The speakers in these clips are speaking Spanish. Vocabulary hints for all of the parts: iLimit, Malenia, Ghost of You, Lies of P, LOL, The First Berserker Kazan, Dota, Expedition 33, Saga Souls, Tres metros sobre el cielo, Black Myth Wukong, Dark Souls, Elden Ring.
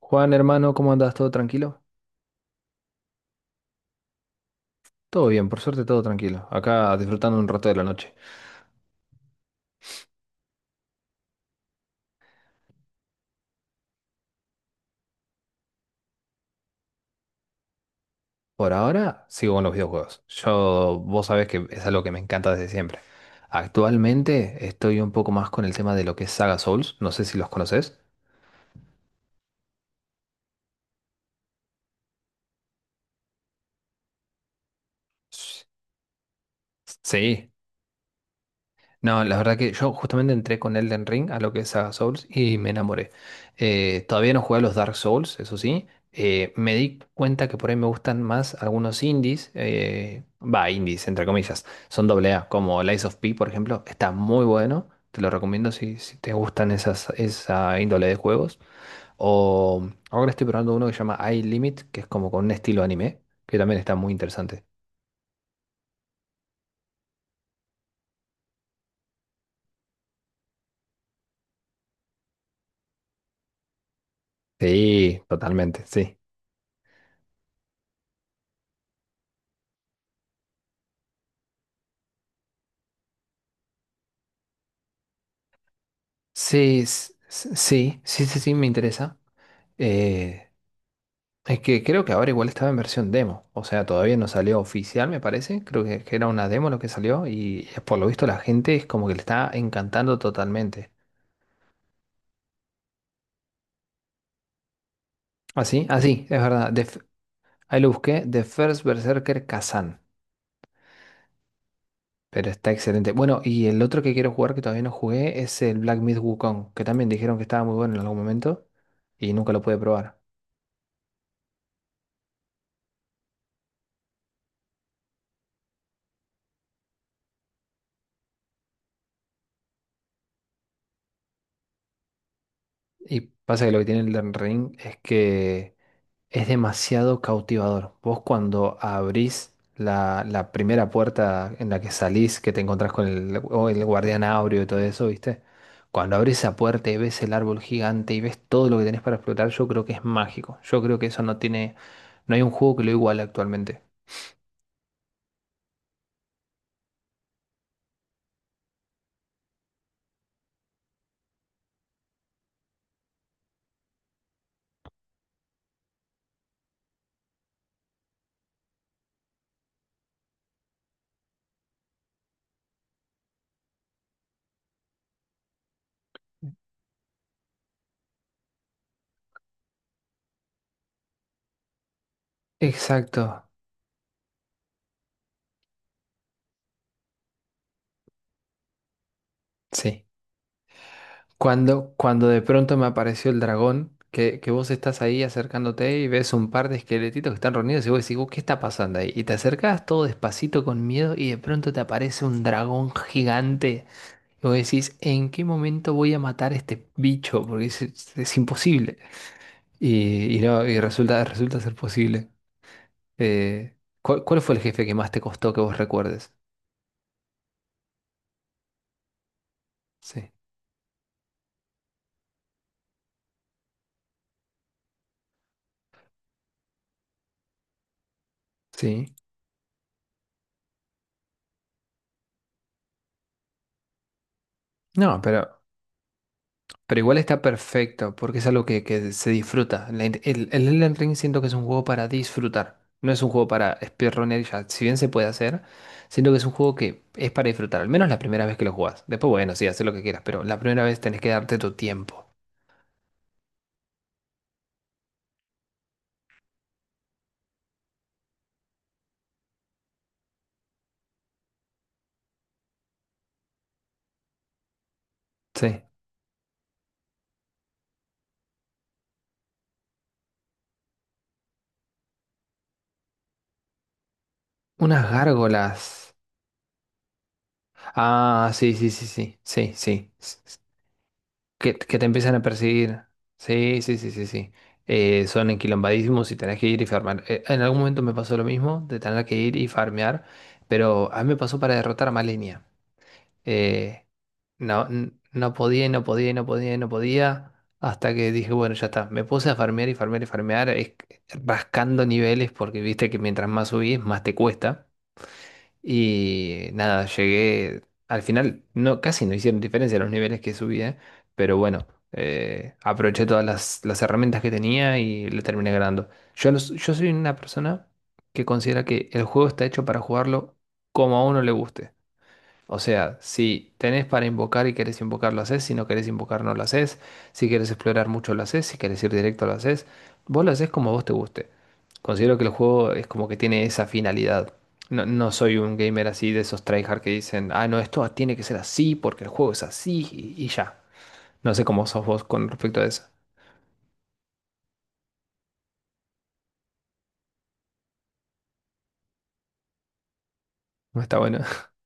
Juan, hermano, ¿cómo andas? ¿Todo tranquilo? Todo bien, por suerte todo tranquilo. Acá disfrutando un rato de la noche. Por ahora sigo con los videojuegos. Yo, vos sabés que es algo que me encanta desde siempre. Actualmente estoy un poco más con el tema de lo que es Saga Souls. No sé si los conoces. Sí. No, la verdad que yo justamente entré con Elden Ring a lo que es Saga Souls y me enamoré. Todavía no jugué a los Dark Souls, eso sí. Me di cuenta que por ahí me gustan más algunos indies. Va, indies, entre comillas. Son doble A, como Lies of P, por ejemplo. Está muy bueno. Te lo recomiendo si te gustan esa índole de juegos. O ahora estoy probando uno que se llama iLimit, que es como con un estilo anime, que también está muy interesante. Sí, totalmente, sí. Sí, me interesa. Eh, es que creo que ahora igual estaba en versión demo, o sea, todavía no salió oficial, me parece. Creo que era una demo lo que salió y por lo visto la gente es como que le está encantando totalmente. Así, así, es verdad. Ahí lo busqué, The First Berserker Kazan, pero está excelente. Bueno, y el otro que quiero jugar que todavía no jugué es el Black Myth Wukong, que también dijeron que estaba muy bueno en algún momento y nunca lo pude probar. Y pasa que lo que tiene el Elden Ring es que es demasiado cautivador. Vos cuando abrís la primera puerta en la que salís, que te encontrás con el guardián áureo y todo eso, ¿viste? Cuando abrís esa puerta y ves el árbol gigante y ves todo lo que tenés para explotar, yo creo que es mágico. Yo creo que eso no hay un juego que lo iguale actualmente. Exacto. Sí. Cuando de pronto me apareció el dragón, que vos estás ahí acercándote y ves un par de esqueletitos que están reunidos y vos decís, "Oh, ¿qué está pasando ahí?". Y te acercás todo despacito con miedo y de pronto te aparece un dragón gigante. Y vos decís, ¿en qué momento voy a matar a este bicho? Porque es imposible. Y no, y resulta, resulta ser posible. Eh, ¿Cuál fue el jefe que más te costó que vos recuerdes? Sí. Sí. No, pero... Pero igual está perfecto, porque es algo que se disfruta. El Elden Ring siento que es un juego para disfrutar. No es un juego para speedrunner, ya, si bien se puede hacer, siento que es un juego que es para disfrutar, al menos la primera vez que lo jugás. Después, bueno, sí, haces lo que quieras, pero la primera vez tenés que darte tu tiempo. Sí. Unas gárgolas. Ah, sí, sí, sí, sí, sí, sí. Que te empiezan a perseguir. Sí, sí, sí, sí, sí. Son enquilombadísimos y tenés que ir y farmear. En algún momento me pasó lo mismo, de tener que ir y farmear, pero a mí me pasó para derrotar a Malenia. Eh, no, no podía, y no podía, y no podía, y no podía, hasta que dije, bueno, ya está. Me puse a farmear y farmear y farmear, rascando niveles, porque viste que mientras más subís, más te cuesta. Y nada, llegué. Al final, no, casi no hicieron diferencia los niveles que subía, pero bueno, aproveché todas las herramientas que tenía y le terminé ganando. Yo soy una persona que considera que el juego está hecho para jugarlo como a uno le guste. O sea, si tenés para invocar y querés invocar, lo haces. Si no querés invocar, no lo haces. Si querés explorar mucho, lo haces. Si querés ir directo, lo haces. Vos lo haces como a vos te guste. Considero que el juego es como que tiene esa finalidad. No soy un gamer así de esos tryhard que dicen, ah, no, esto tiene que ser así porque el juego es así y ya. No sé cómo sos vos con respecto a eso. No está bueno.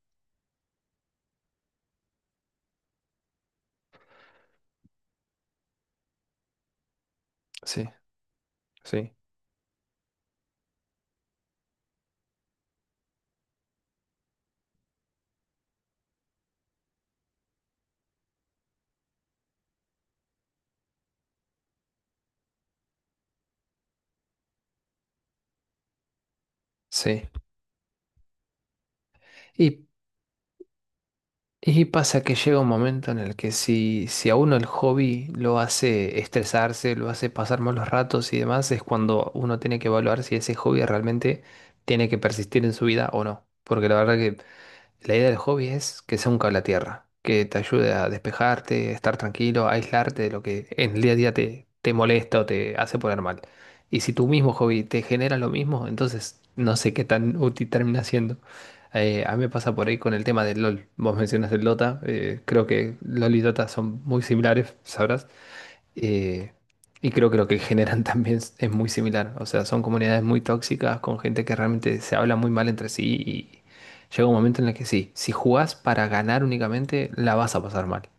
Sí, sí, sí. Y Y pasa que llega un momento en el que si a uno el hobby lo hace estresarse, lo hace pasar malos ratos y demás, es cuando uno tiene que evaluar si ese hobby realmente tiene que persistir en su vida o no. Porque la verdad que la idea del hobby es que sea un cable a tierra, que te ayude a despejarte, estar tranquilo, a aislarte de lo que en el día a día te molesta o te hace poner mal. Y si tu mismo hobby te genera lo mismo, entonces no sé qué tan útil termina siendo. A mí me pasa por ahí con el tema del LOL. Vos mencionas el Dota, creo que LOL y Dota son muy similares, sabrás. Eh, y creo que lo que generan también es muy similar. O sea, son comunidades muy tóxicas con gente que realmente se habla muy mal entre sí y llega un momento en el que sí, si jugás para ganar únicamente, la vas a pasar mal.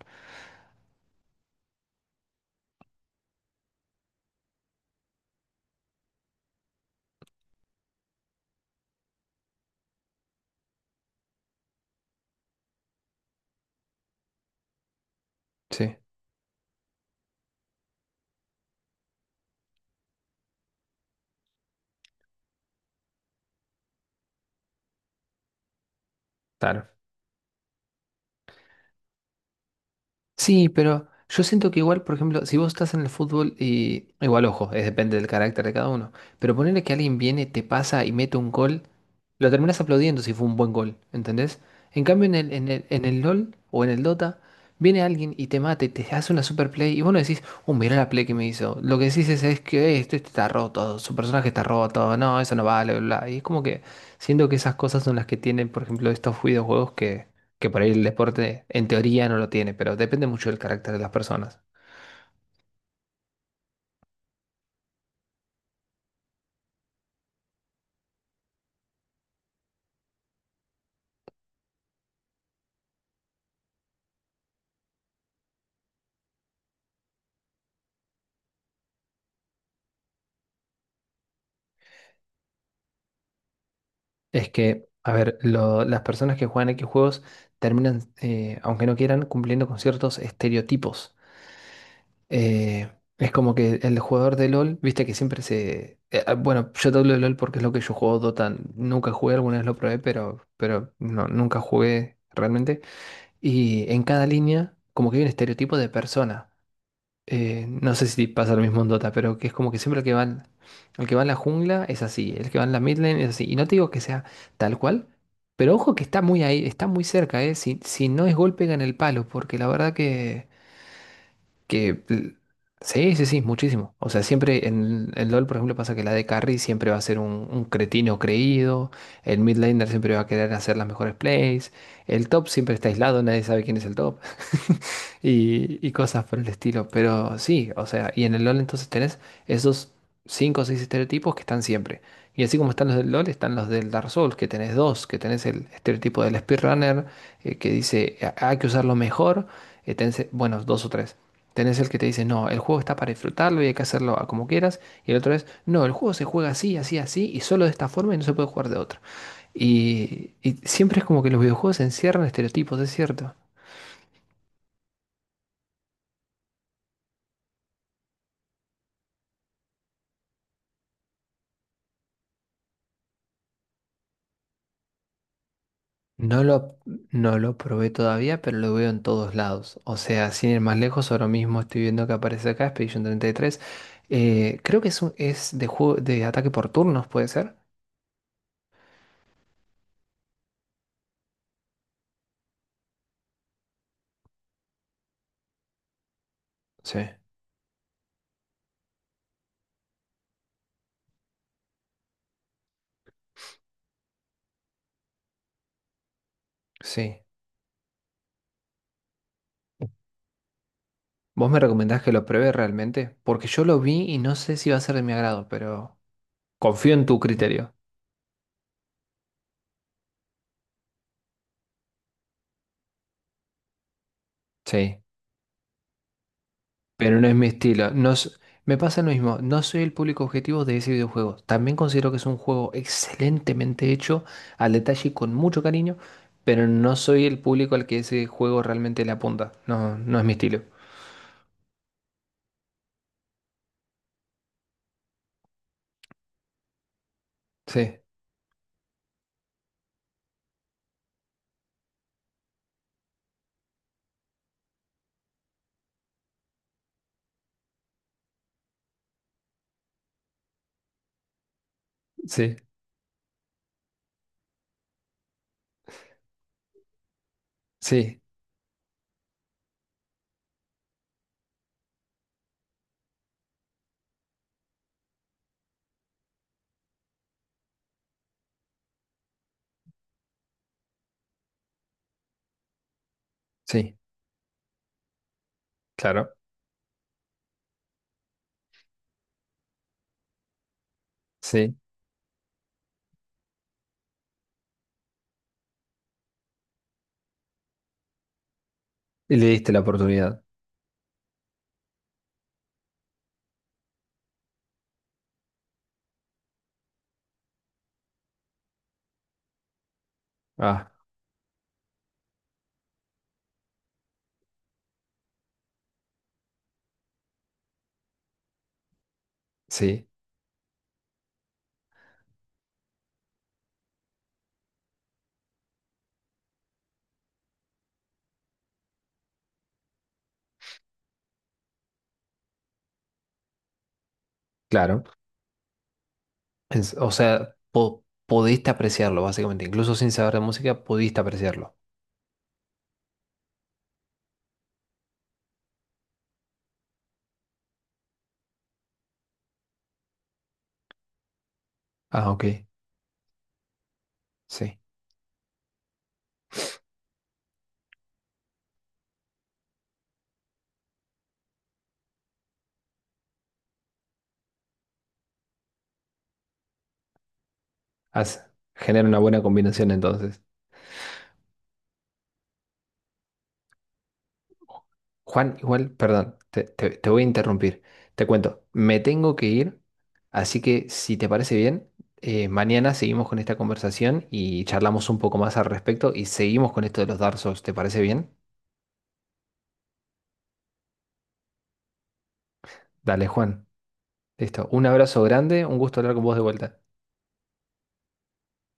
Sí, claro. Sí, pero yo siento que igual, por ejemplo, si vos estás en el fútbol y igual, ojo, es depende del carácter de cada uno, pero ponerle que alguien viene, te pasa y mete un gol, lo terminás aplaudiendo si fue un buen gol, ¿entendés? En cambio, en el LOL o en el Dota, viene alguien y te mate, te hace una super play y vos no decís, oh, mirá la play que me hizo. Lo que decís es que este está roto, su personaje está roto, no, eso no vale, bla, bla. Y es como que siento que esas cosas son las que tienen, por ejemplo, estos videojuegos que por ahí el deporte en teoría no lo tiene, pero depende mucho del carácter de las personas. Es que, a ver, las personas que juegan X juegos terminan, aunque no quieran, cumpliendo con ciertos estereotipos. Eh, es como que el jugador de LOL, viste que siempre bueno, yo te hablo de LOL porque es lo que yo juego Dota. Nunca jugué, alguna vez lo probé, pero no, nunca jugué realmente. Y en cada línea, como que hay un estereotipo de persona. No sé si pasa lo mismo en Dota, pero que es como que siempre el que va en la jungla es así, el que va en la mid lane es así. Y no te digo que sea tal cual, pero ojo que está muy ahí, está muy cerca, ¿eh? Si, si no es golpe, en el palo, porque la verdad que sí, sí, sí, muchísimo. O sea, siempre en el LoL, por ejemplo, pasa que la de carry siempre va a ser un cretino creído. El mid laner siempre va a querer hacer las mejores plays. El top siempre está aislado, nadie sabe quién es el top. Y, y cosas por el estilo. Pero sí, o sea, y en el LoL entonces tenés esos cinco o seis estereotipos que están siempre. Y así como están los del LoL, están los del Dark Souls, que tenés dos, que tenés el estereotipo del speedrunner, que dice "Ah, hay que usarlo mejor, bueno, dos o tres. Tenés el que te dice, no, el juego está para disfrutarlo y hay que hacerlo a como quieras. Y el otro es, no, el juego se juega así, así, así, y solo de esta forma y no se puede jugar de otra. Y siempre es como que los videojuegos encierran estereotipos, es cierto. No lo, no lo probé todavía, pero lo veo en todos lados. O sea, sin ir más lejos, ahora mismo estoy viendo que aparece acá Expedition 33. Creo que es de juego de ataque por turnos, ¿puede ser? Sí, sí. ¿Vos me recomendás que lo pruebe realmente? Porque yo lo vi y no sé si va a ser de mi agrado, pero... Confío en tu criterio, sí, pero no es mi estilo. No, s- Me pasa lo mismo, no soy el público objetivo de ese videojuego. También considero que es un juego excelentemente hecho, al detalle y con mucho cariño, pero no soy el público al que ese juego realmente le apunta. No, no es mi estilo. Sí, sí, sí, sí, claro, sí. Y le diste la oportunidad. Ah, sí, claro. O sea, podiste apreciarlo, básicamente. Incluso sin saber de música, pudiste apreciarlo. Ah, ok, sí. Hace- Genera una buena combinación entonces. Juan, igual, perdón, te voy a interrumpir. Te cuento, me tengo que ir, así que si te parece bien, mañana seguimos con esta conversación y charlamos un poco más al respecto y seguimos con esto de los Dark Souls. ¿Te parece bien? Dale, Juan. Listo. Un abrazo grande, un gusto hablar con vos de vuelta.